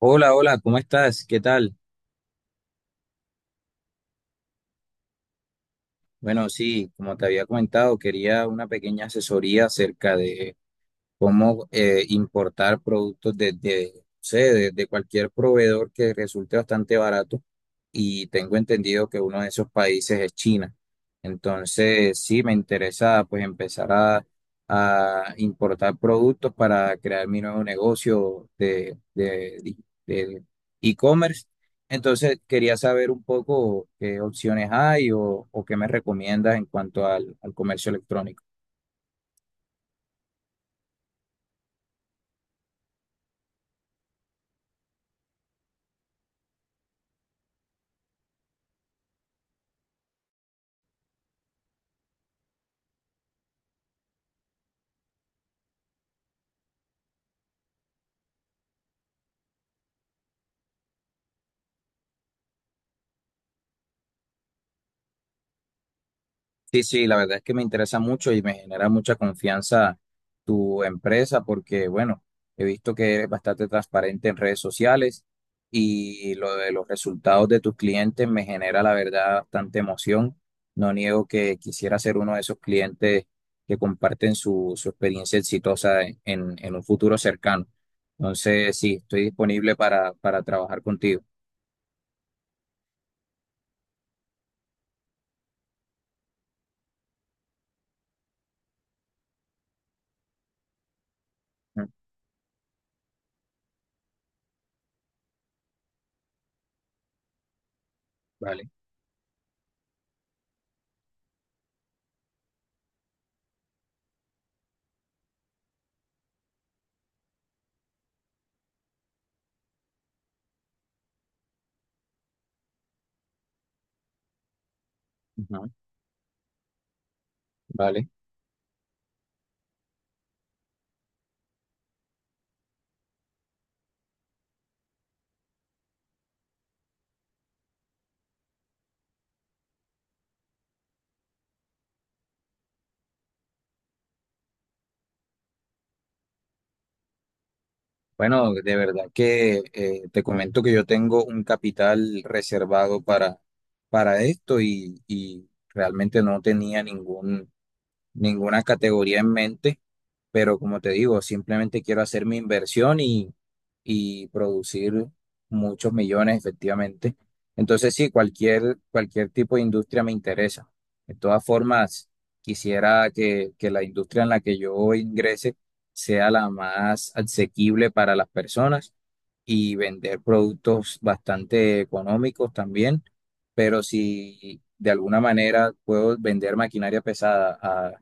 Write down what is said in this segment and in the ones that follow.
Hola, hola, ¿cómo estás? ¿Qué tal? Bueno, sí, como te había comentado, quería una pequeña asesoría acerca de cómo importar productos no sé, de cualquier proveedor que resulte bastante barato. Y tengo entendido que uno de esos países es China. Entonces, sí, me interesa pues empezar a importar productos para crear mi nuevo negocio de e-commerce. Entonces, quería saber un poco qué opciones hay o qué me recomiendas en cuanto al comercio electrónico. Sí, sí, la verdad es que me interesa mucho y me genera mucha confianza tu empresa porque, bueno, he visto que eres bastante transparente en redes sociales y lo de los resultados de tus clientes me genera, la verdad, bastante emoción. No niego que quisiera ser uno de esos clientes que comparten su experiencia exitosa en un futuro cercano. Entonces, sí, estoy disponible para trabajar contigo. Mm. Vale. Ujú, vale. Bueno, de verdad que te comento que yo tengo un capital reservado para esto y realmente no tenía ninguna categoría en mente, pero como te digo, simplemente quiero hacer mi inversión y producir muchos millones efectivamente. Entonces sí, cualquier tipo de industria me interesa. De todas formas, quisiera que la industria en la que yo ingrese sea la más asequible para las personas y vender productos bastante económicos también, pero si de alguna manera puedo vender maquinaria pesada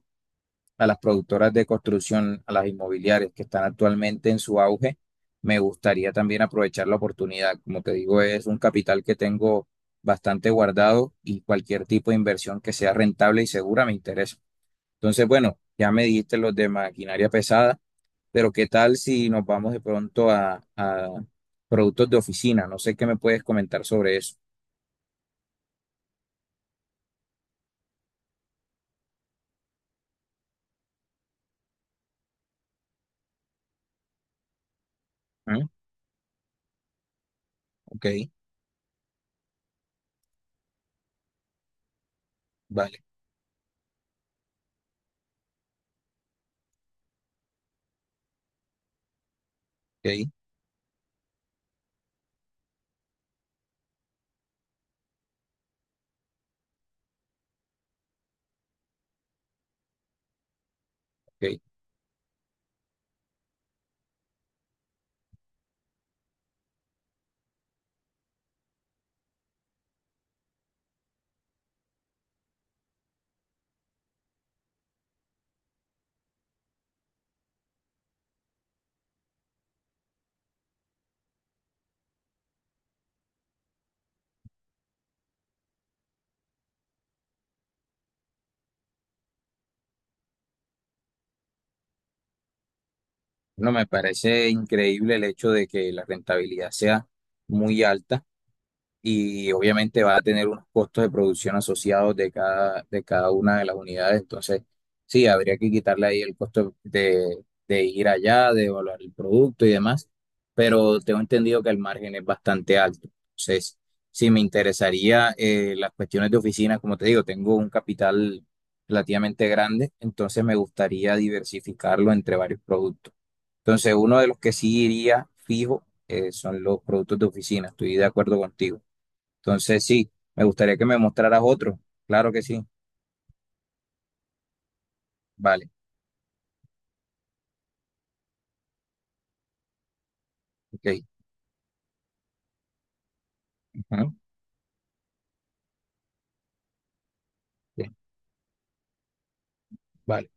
a las productoras de construcción, a las inmobiliarias que están actualmente en su auge, me gustaría también aprovechar la oportunidad. Como te digo, es un capital que tengo bastante guardado y cualquier tipo de inversión que sea rentable y segura me interesa. Entonces, bueno, ya me dijiste los de maquinaria pesada. Pero ¿qué tal si nos vamos de pronto a productos de oficina? No sé qué me puedes comentar sobre eso. ¿Mm? Ok, vale, ok, ok. No, me parece increíble el hecho de que la rentabilidad sea muy alta. Y obviamente va a tener unos costos de producción asociados de de cada una de las unidades. Entonces, sí, habría que quitarle ahí el costo de ir allá, de evaluar el producto y demás, pero tengo entendido que el margen es bastante alto. Entonces, sí, me interesaría las cuestiones de oficina, como te digo, tengo un capital relativamente grande, entonces me gustaría diversificarlo entre varios productos. Entonces, uno de los que sí iría fijo son los productos de oficina, estoy de acuerdo contigo. Entonces, sí, me gustaría que me mostraras otro. Claro que sí. Vale, ok. Ujú, bien, vale,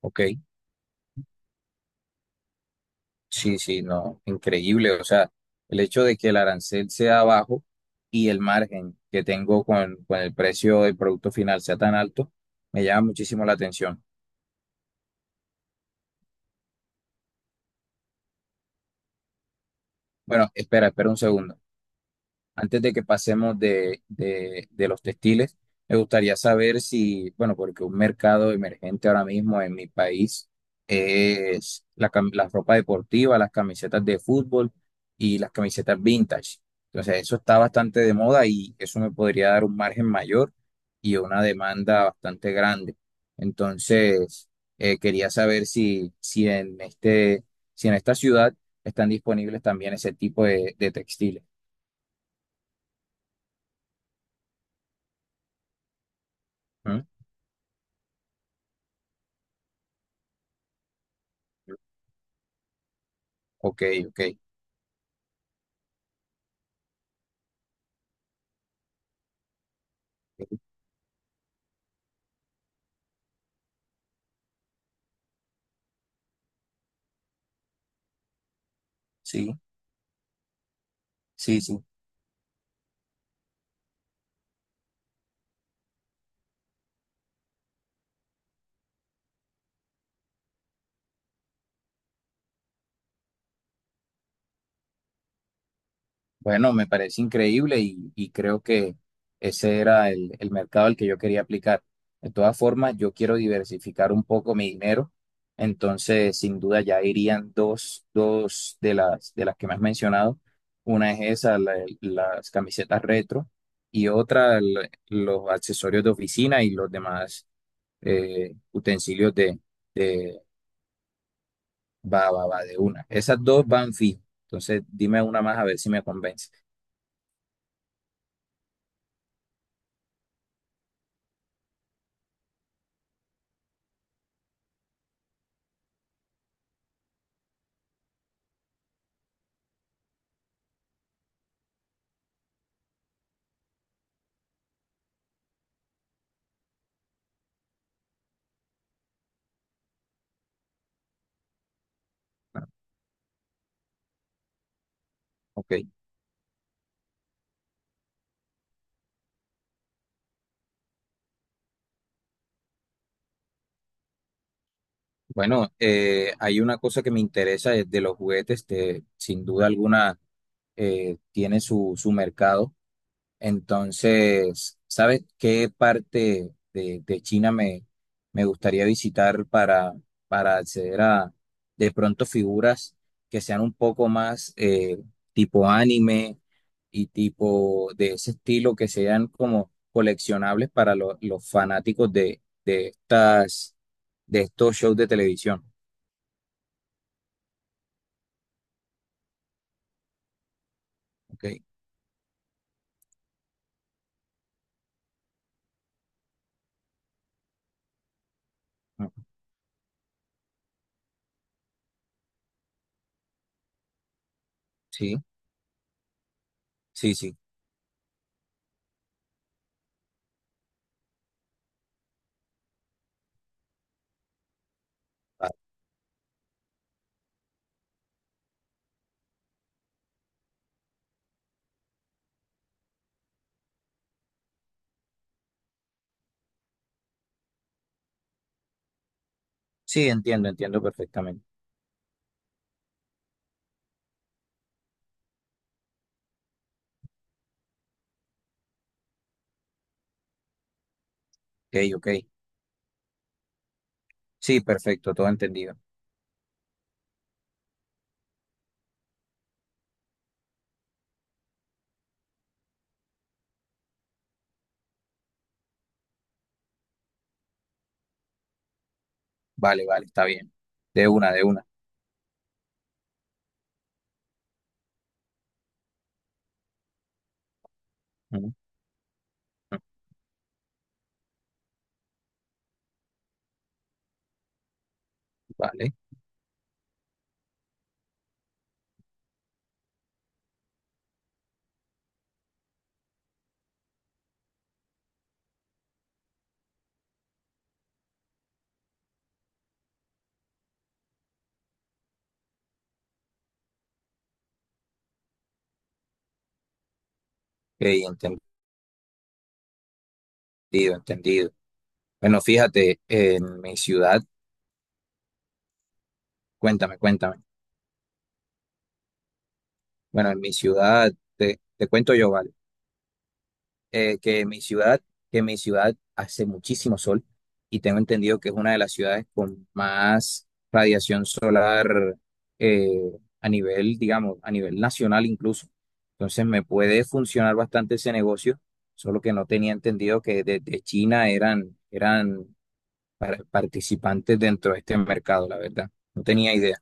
ok. Sí, sí, no, increíble. O sea, el hecho de que el arancel sea bajo y el margen que tengo con el precio del producto final sea tan alto, me llama muchísimo la atención. Bueno, espera, espera un segundo. Antes de que pasemos de los textiles, me gustaría saber si, bueno, porque un mercado emergente ahora mismo en mi país es la ropa deportiva, las camisetas de fútbol y las camisetas vintage. Entonces, eso está bastante de moda y eso me podría dar un margen mayor y una demanda bastante grande. Entonces, quería saber si en este, si en esta ciudad están disponibles también ese tipo de textiles. Ok, ok. Ok. Sí, sí, sí. Bueno, me parece increíble y creo que ese era el mercado al que yo quería aplicar. De todas formas, yo quiero diversificar un poco mi dinero, entonces sin duda ya irían dos, dos de las que me has mencionado. Una es esa, la- las camisetas retro, y otra el- los accesorios de oficina y los demás utensilios de, Va, va, va, de una. Esas dos van fijo. Entonces, dime una más a ver si me convence. Ah, Ok. Bueno, hay una cosa que me interesa es de los juguetes. Este, sin duda alguna, tiene su, su mercado. Entonces, ¿sabes qué parte de China me, me gustaría visitar para acceder a de pronto figuras que sean un poco más tipo anime y tipo de ese estilo que sean como coleccionables para lo- los fanáticos de estas de estos shows de televisión? ¿Ok? Ujú. Sí, sí, sí. Ah. Sí, entiendo, entiendo perfectamente. Ok, ok. Sí, perfecto, todo entendido. Vale, vale, está bien. De una, de una. Ujú, ujú, vale. Ok, entendido, entendido. Bueno, fíjate, en mi ciudad, cuéntame, cuéntame. Bueno, en mi ciudad, te cuento yo, ¿vale? eh, que mi ciudad, que mi ciudad hace muchísimo sol y tengo entendido que es una de las ciudades con más radiación solar eh, a nivel, digamos, a nivel nacional incluso. Entonces me puede funcionar bastante ese negocio, solo que no tenía entendido que desde China eran participantes dentro de este mercado, la verdad. No tenía idea.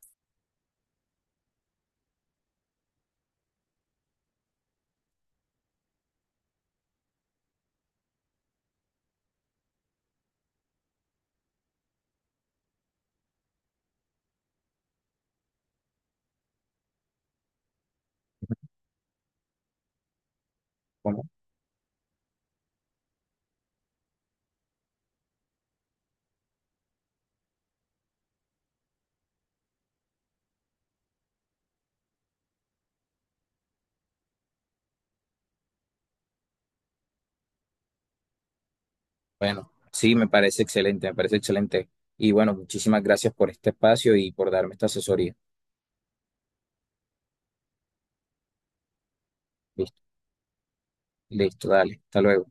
Bueno, bueno, sí, me parece excelente, me parece excelente. Y bueno, muchísimas gracias por este espacio y por darme esta asesoría. Listo, dale. Hasta luego.